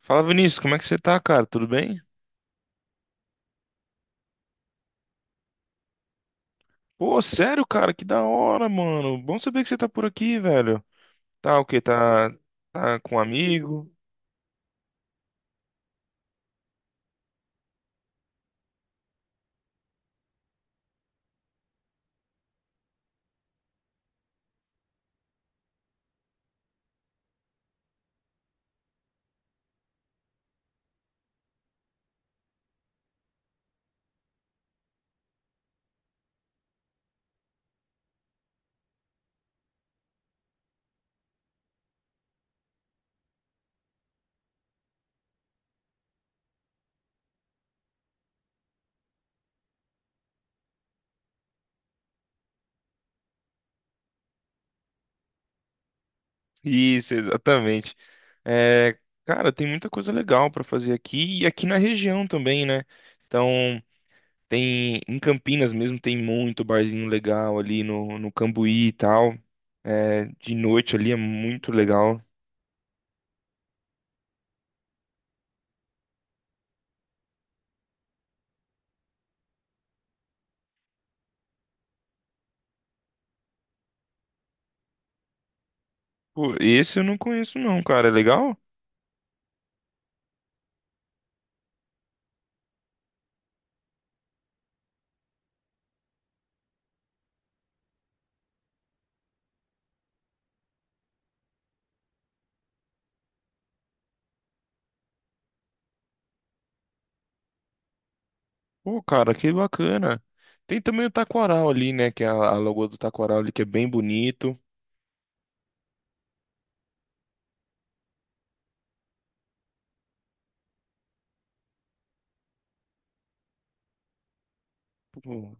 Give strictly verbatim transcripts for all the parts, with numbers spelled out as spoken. Fala, Vinícius, como é que você tá, cara? Tudo bem? Pô, sério, cara, que da hora, mano. Bom saber que você tá por aqui, velho. Tá o quê? Tá, tá com um amigo? Isso, exatamente. É, cara, tem muita coisa legal pra fazer aqui e aqui na região também, né? Então, tem em Campinas mesmo tem muito barzinho legal ali no, no Cambuí e tal. É, de noite ali é muito legal. Pô, esse eu não conheço não, cara. É legal? Pô, cara, que bacana. Tem também o taquaral ali, né? Que é a, a lagoa do taquaral ali, que é bem bonito. Pô,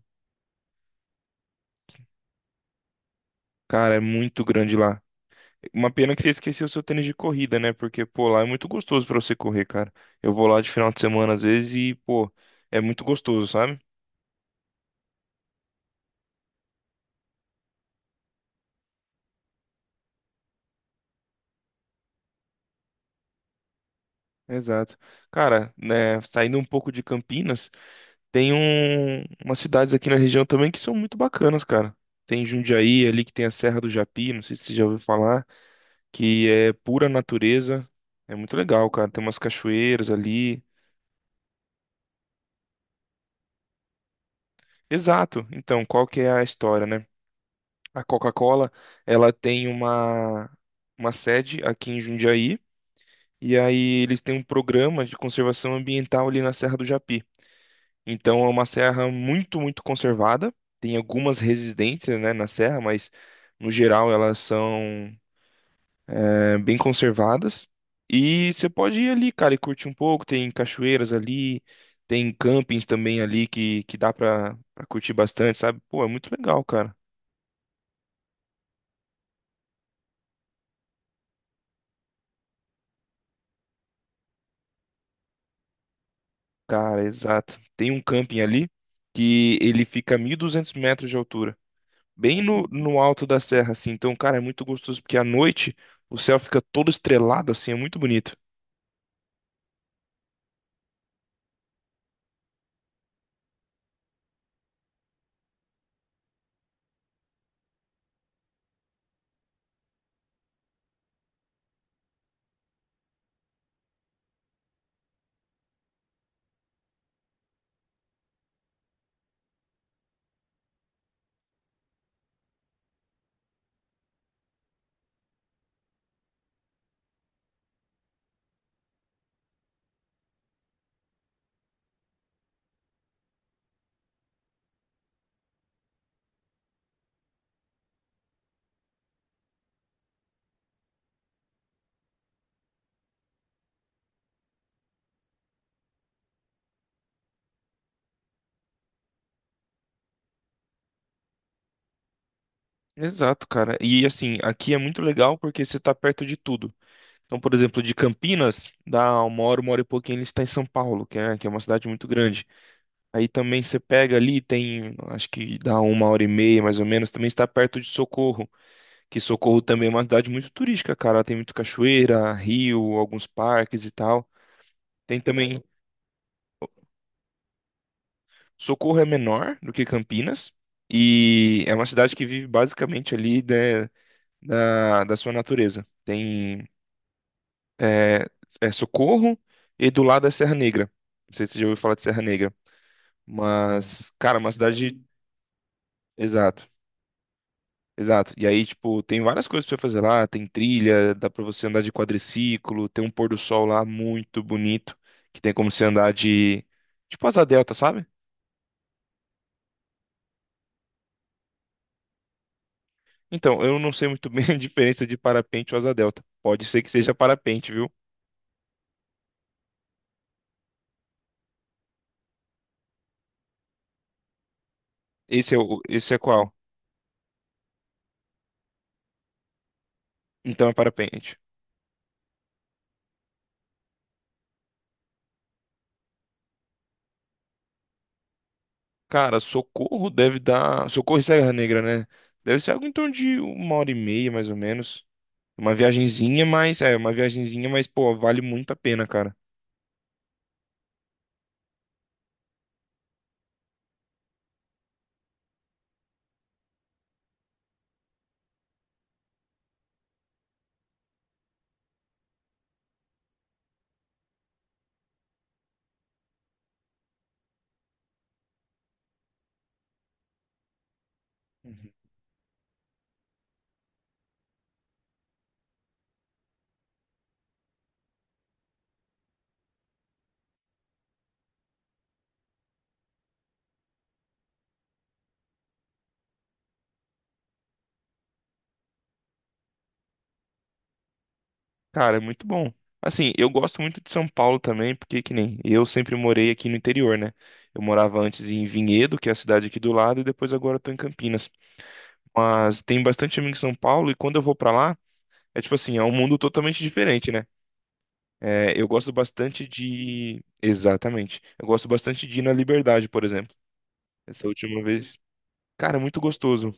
cara, é muito grande lá. Uma pena que você esqueceu seu tênis de corrida, né? Porque, pô, lá é muito gostoso pra você correr, cara. Eu vou lá de final de semana às vezes e, pô, é muito gostoso, sabe? Exato. Cara, né, saindo um pouco de Campinas, tem um, umas cidades aqui na região também que são muito bacanas, cara. Tem Jundiaí ali que tem a Serra do Japi, não sei se você já ouviu falar, que é pura natureza. É muito legal, cara. Tem umas cachoeiras ali. Exato. Então, qual que é a história, né? A Coca-Cola, ela tem uma uma sede aqui em Jundiaí e aí eles têm um programa de conservação ambiental ali na Serra do Japi. Então, é uma serra muito, muito conservada. Tem algumas resistências, né, na serra, mas no geral elas são eh, bem conservadas. E você pode ir ali, cara, e curtir um pouco. Tem cachoeiras ali, tem campings também ali que, que dá pra, pra curtir bastante, sabe? Pô, é muito legal, cara. Cara, exato. Tem um camping ali que ele fica a mil e duzentos metros de altura, bem no, no alto da serra, assim. Então, cara, é muito gostoso porque à noite o céu fica todo estrelado, assim, é muito bonito. Exato, cara. E assim, aqui é muito legal porque você tá perto de tudo. Então, por exemplo, de Campinas, dá uma hora, uma hora e pouquinho, ele está em São Paulo, que é, que é uma cidade muito grande. Aí também você pega ali, tem, acho que dá uma hora e meia, mais ou menos, também está perto de Socorro, que Socorro também é uma cidade muito turística, cara. Tem muito cachoeira, rio, alguns parques e tal. Tem também, Socorro é menor do que Campinas, e é uma cidade que vive basicamente ali, né, da, da sua natureza. Tem é, é Socorro e do lado é Serra Negra. Não sei se você já ouviu falar de Serra Negra, mas, cara, é uma cidade. Exato, exato. E aí, tipo, tem várias coisas pra fazer lá: tem trilha, dá pra você andar de quadriciclo, tem um pôr do sol lá muito bonito, que tem como você andar de, tipo, asa delta, sabe? Então, eu não sei muito bem a diferença de parapente ou asa delta. Pode ser que seja parapente, viu? Esse é, o, esse é qual? Então é parapente. Cara, Socorro deve dar. Socorro e Serra Negra, né? Deve ser algo em torno de uma hora e meia, mais ou menos. Uma viagenzinha, mas. É, uma viagenzinha, mas, pô, vale muito a pena, cara. Uhum. Cara, é muito bom. Assim, eu gosto muito de São Paulo também, porque que nem eu sempre morei aqui no interior, né? Eu morava antes em Vinhedo, que é a cidade aqui do lado, e depois agora eu tô em Campinas. Mas tem bastante amigo em São Paulo, e quando eu vou pra lá, é tipo assim, é um mundo totalmente diferente, né? É, eu gosto bastante de. Exatamente. Eu gosto bastante de ir na Liberdade, por exemplo. Essa última vez. Cara, é muito gostoso.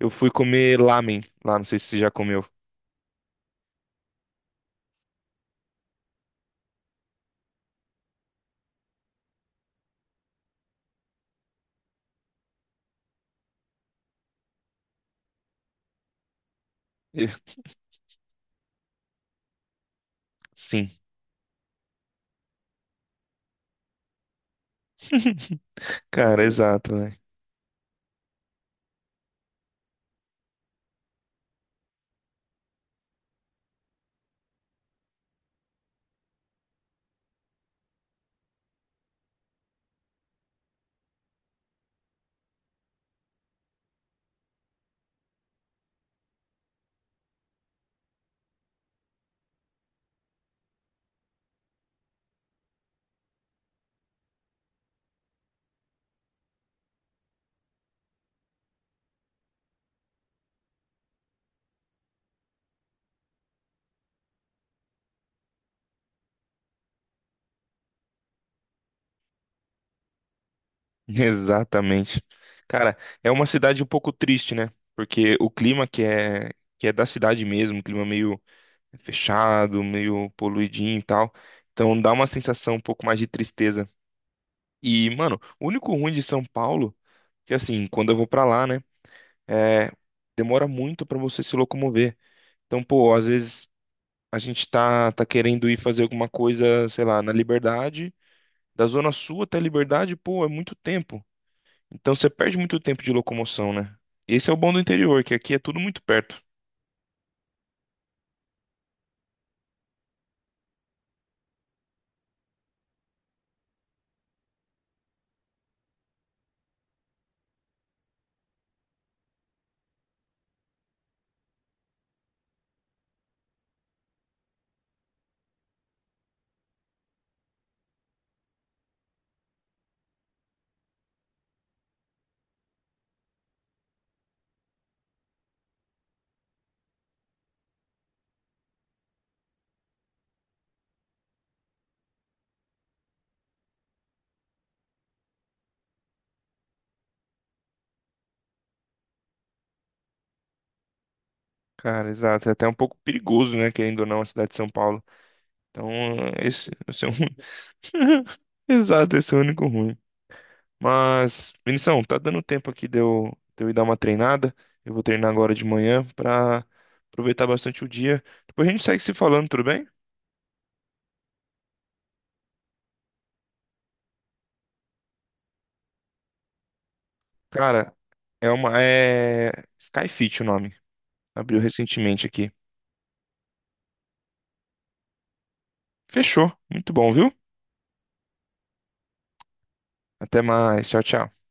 Eu fui comer lamen lá, não sei se você já comeu. E- Sim. Cara, exato, né? Exatamente. Cara, é uma cidade um pouco triste, né? Porque o clima que é, que é da cidade mesmo, um clima meio fechado, meio poluidinho e tal. Então dá uma sensação um pouco mais de tristeza. E, mano, o único ruim de São Paulo, que assim, quando eu vou pra lá, né, é demora muito pra você se locomover. Então, pô, às vezes a gente tá tá querendo ir fazer alguma coisa, sei lá, na Liberdade, da Zona Sul até a Liberdade, pô, é muito tempo. Então você perde muito tempo de locomoção, né? Esse é o bom do interior, que aqui é tudo muito perto. Cara, exato, é até um pouco perigoso, né, querendo ou não, a cidade de São Paulo. Então, esse, esse é um... Exato, esse é o único ruim. Mas, Vinição, tá dando tempo aqui de eu, de eu ir dar uma treinada. Eu vou treinar agora de manhã pra aproveitar bastante o dia. Depois a gente segue se falando, tudo bem? Cara, é uma. É. Skyfit o nome. Abriu recentemente aqui. Fechou. Muito bom, viu? Até mais. Tchau, tchau.